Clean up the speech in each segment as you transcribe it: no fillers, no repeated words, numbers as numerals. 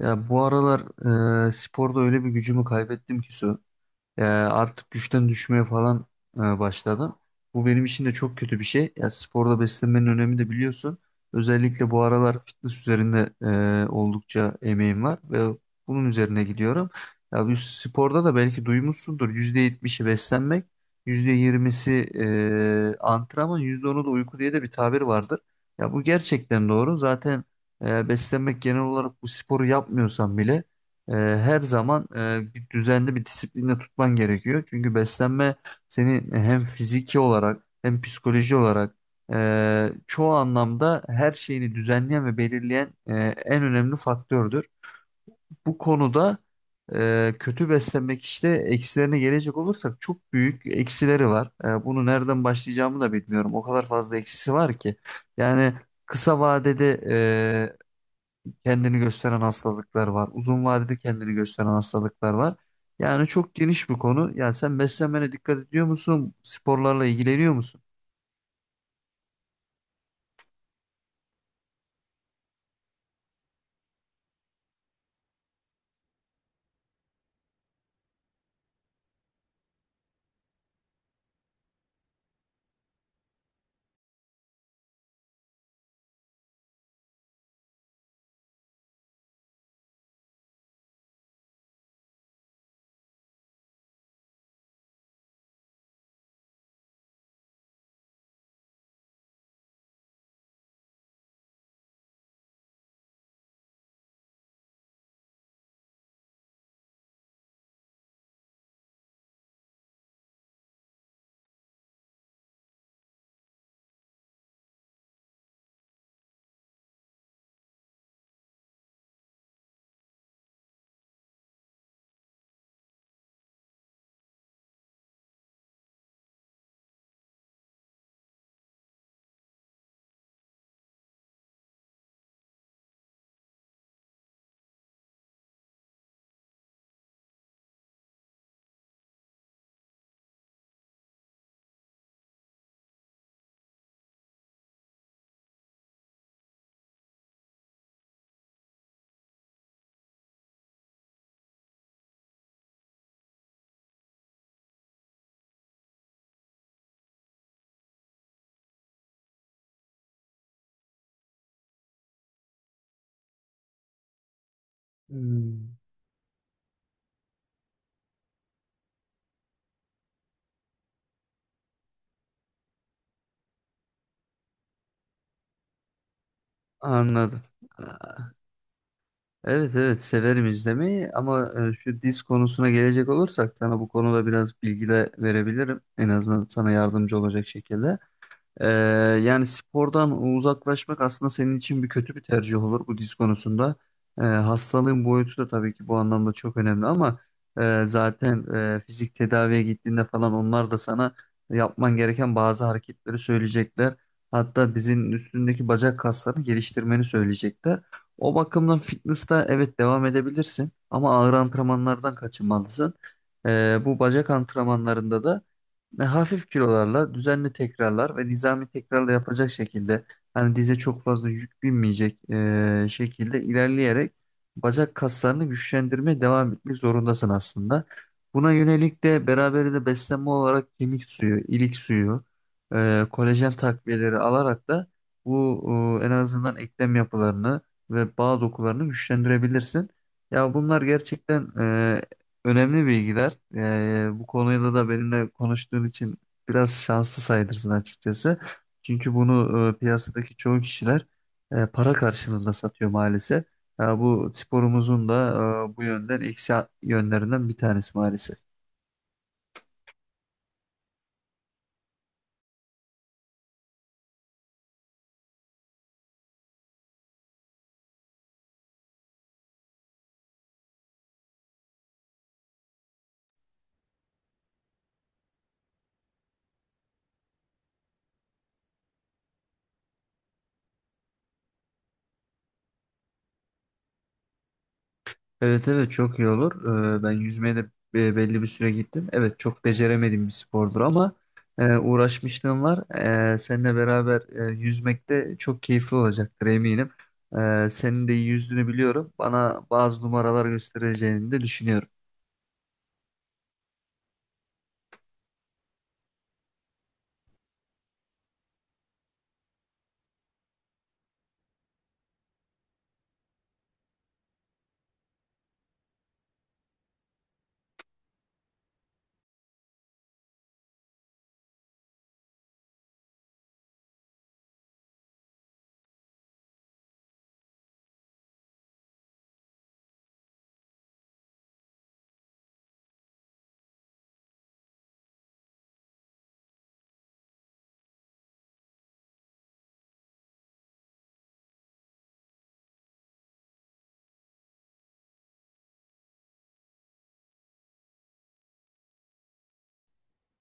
Ya bu aralar sporda öyle bir gücümü kaybettim ki Su. Artık güçten düşmeye falan başladım. Bu benim için de çok kötü bir şey. Ya sporda beslenmenin önemi de biliyorsun. Özellikle bu aralar fitness üzerinde oldukça emeğim var ve bunun üzerine gidiyorum. Ya bu sporda da belki duymuşsundur. %70'i beslenmek, %20'si antrenman, %10'u da uyku diye de bir tabir vardır. Ya bu gerçekten doğru. Zaten beslenmek genel olarak bu sporu yapmıyorsan bile her zaman bir düzenli bir disiplinle tutman gerekiyor. Çünkü beslenme seni hem fiziki olarak hem psikoloji olarak çoğu anlamda her şeyini düzenleyen ve belirleyen en önemli faktördür. Bu konuda kötü beslenmek işte eksilerine gelecek olursak çok büyük eksileri var. Bunu nereden başlayacağımı da bilmiyorum. O kadar fazla eksisi var ki. Yani kısa vadede kendini gösteren hastalıklar var. Uzun vadede kendini gösteren hastalıklar var. Yani çok geniş bir konu. Yani sen beslenmene dikkat ediyor musun? Sporlarla ilgileniyor musun? Hmm. Anladım. Ee, Evet, evet, severim izlemeyi ama şu diz konusuna gelecek olursak sana bu konuda biraz bilgi de verebilirim. En azından sana yardımcı olacak şekilde. Ee, Yani spordan uzaklaşmak aslında senin için bir kötü bir tercih olur bu diz konusunda. Hastalığın boyutu da tabii ki bu anlamda çok önemli ama zaten fizik tedaviye gittiğinde falan onlar da sana yapman gereken bazı hareketleri söyleyecekler. Hatta dizinin üstündeki bacak kaslarını geliştirmeni söyleyecekler. O bakımdan fitness'ta evet devam edebilirsin ama ağır antrenmanlardan kaçınmalısın. Bu bacak antrenmanlarında da ve hafif kilolarla düzenli tekrarlar ve nizami tekrarla yapacak şekilde hani dize çok fazla yük binmeyecek şekilde ilerleyerek bacak kaslarını güçlendirmeye devam etmek zorundasın aslında. Buna yönelik de beraberinde beslenme olarak kemik suyu, ilik suyu, kolajen takviyeleri alarak da bu en azından eklem yapılarını ve bağ dokularını güçlendirebilirsin. Ya bunlar gerçekten önemli bilgiler. Bu konuyla da benimle konuştuğun için biraz şanslı sayılırsın açıkçası. Çünkü bunu piyasadaki çoğu kişiler para karşılığında satıyor maalesef. Ya bu sporumuzun da bu yönden eksi yönlerinden bir tanesi maalesef. Evet, evet, çok iyi olur. Ben yüzmeye de belli bir süre gittim. Evet, çok beceremediğim bir spordur ama uğraşmışlığım var. Seninle beraber yüzmek de çok keyifli olacaktır, eminim. Senin de iyi yüzdüğünü biliyorum. Bana bazı numaralar göstereceğini de düşünüyorum.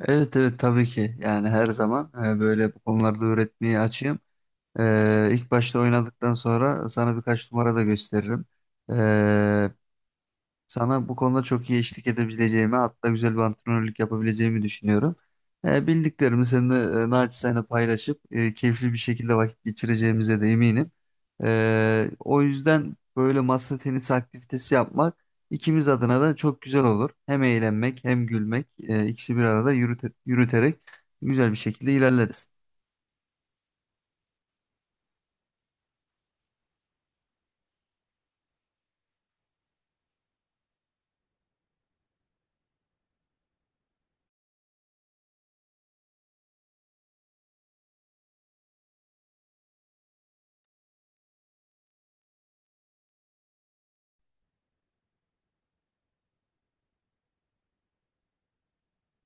Evet, evet, tabii ki. Yani her zaman böyle bu konularda öğretmeye açığım. İlk başta oynadıktan sonra sana birkaç numara da gösteririm. E, Sana bu konuda çok iyi eşlik edebileceğimi, hatta güzel bir antrenörlük yapabileceğimi düşünüyorum. Bildiklerimi seninle naçizane paylaşıp keyifli bir şekilde vakit geçireceğimize de eminim. O yüzden böyle masa tenisi aktivitesi yapmak ikimiz adına da çok güzel olur. Hem eğlenmek hem gülmek ikisi bir arada yürüterek güzel bir şekilde ilerleriz.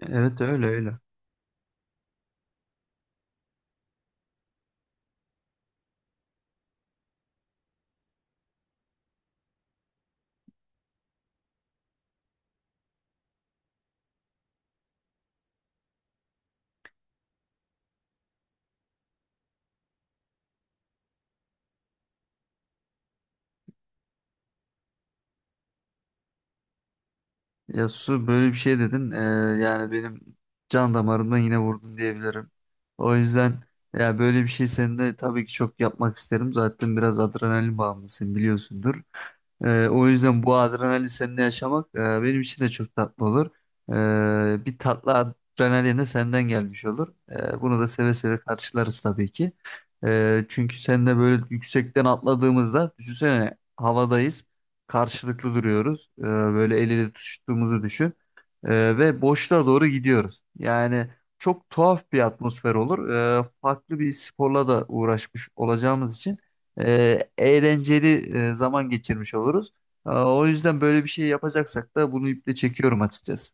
Evet, öyle öyle. Ya Su, böyle bir şey dedin. Yani benim can damarımdan yine vurdun diyebilirim. O yüzden ya böyle bir şey senin de tabii ki çok yapmak isterim. Zaten biraz adrenalin bağımlısın, biliyorsundur. O yüzden bu adrenalin seninle yaşamak benim için de çok tatlı olur. Bir tatlı adrenalin de senden gelmiş olur. Bunu da seve seve karşılarız tabii ki. Çünkü seninle böyle yüksekten atladığımızda düşünsene, havadayız, karşılıklı duruyoruz. Böyle el ele tutuştuğumuzu düşün. Ve boşluğa doğru gidiyoruz. Yani çok tuhaf bir atmosfer olur. Farklı bir sporla da uğraşmış olacağımız için eğlenceli zaman geçirmiş oluruz. O yüzden böyle bir şey yapacaksak da bunu iple çekiyorum açıkçası.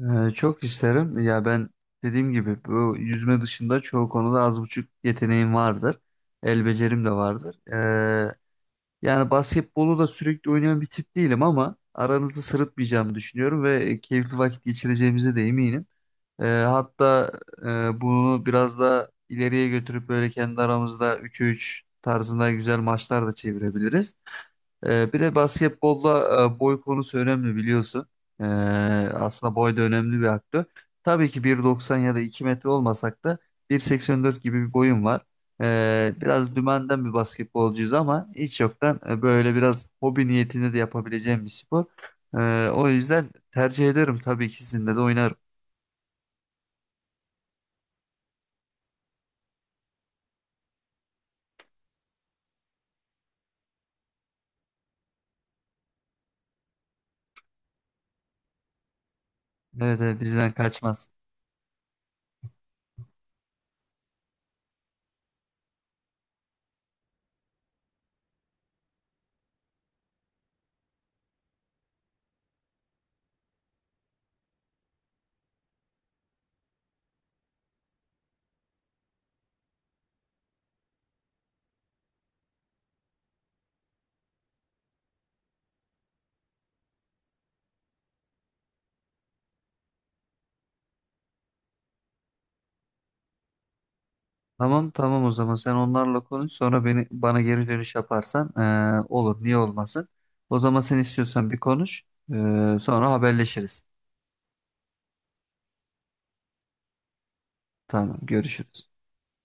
Çok isterim. Ya ben dediğim gibi bu yüzme dışında çoğu konuda az buçuk yeteneğim vardır. El becerim de vardır. Yani basketbolu da sürekli oynayan bir tip değilim ama aranızı sırıtmayacağımı düşünüyorum ve keyifli vakit geçireceğimize de eminim. Hatta bunu biraz da ileriye götürüp böyle kendi aramızda 3'e 3 tarzında güzel maçlar da çevirebiliriz. Bir de basketbolda boy konusu önemli biliyorsun. Ee, Aslında boy da önemli bir aktör. Tabii ki 1,90 ya da 2 metre olmasak da 1,84 gibi bir boyum var. Biraz dümenden bir basketbolcuyuz ama hiç yoktan böyle biraz hobi niyetinde de yapabileceğim bir spor. O yüzden tercih ederim, tabii ki sizinle de oynarım. Evet, evet, bizden kaçmaz. Tamam, tamam, o zaman sen onlarla konuş, sonra bana geri dönüş yaparsan olur, niye olmasın. O zaman sen istiyorsan bir konuş, sonra haberleşiriz. Tamam, görüşürüz.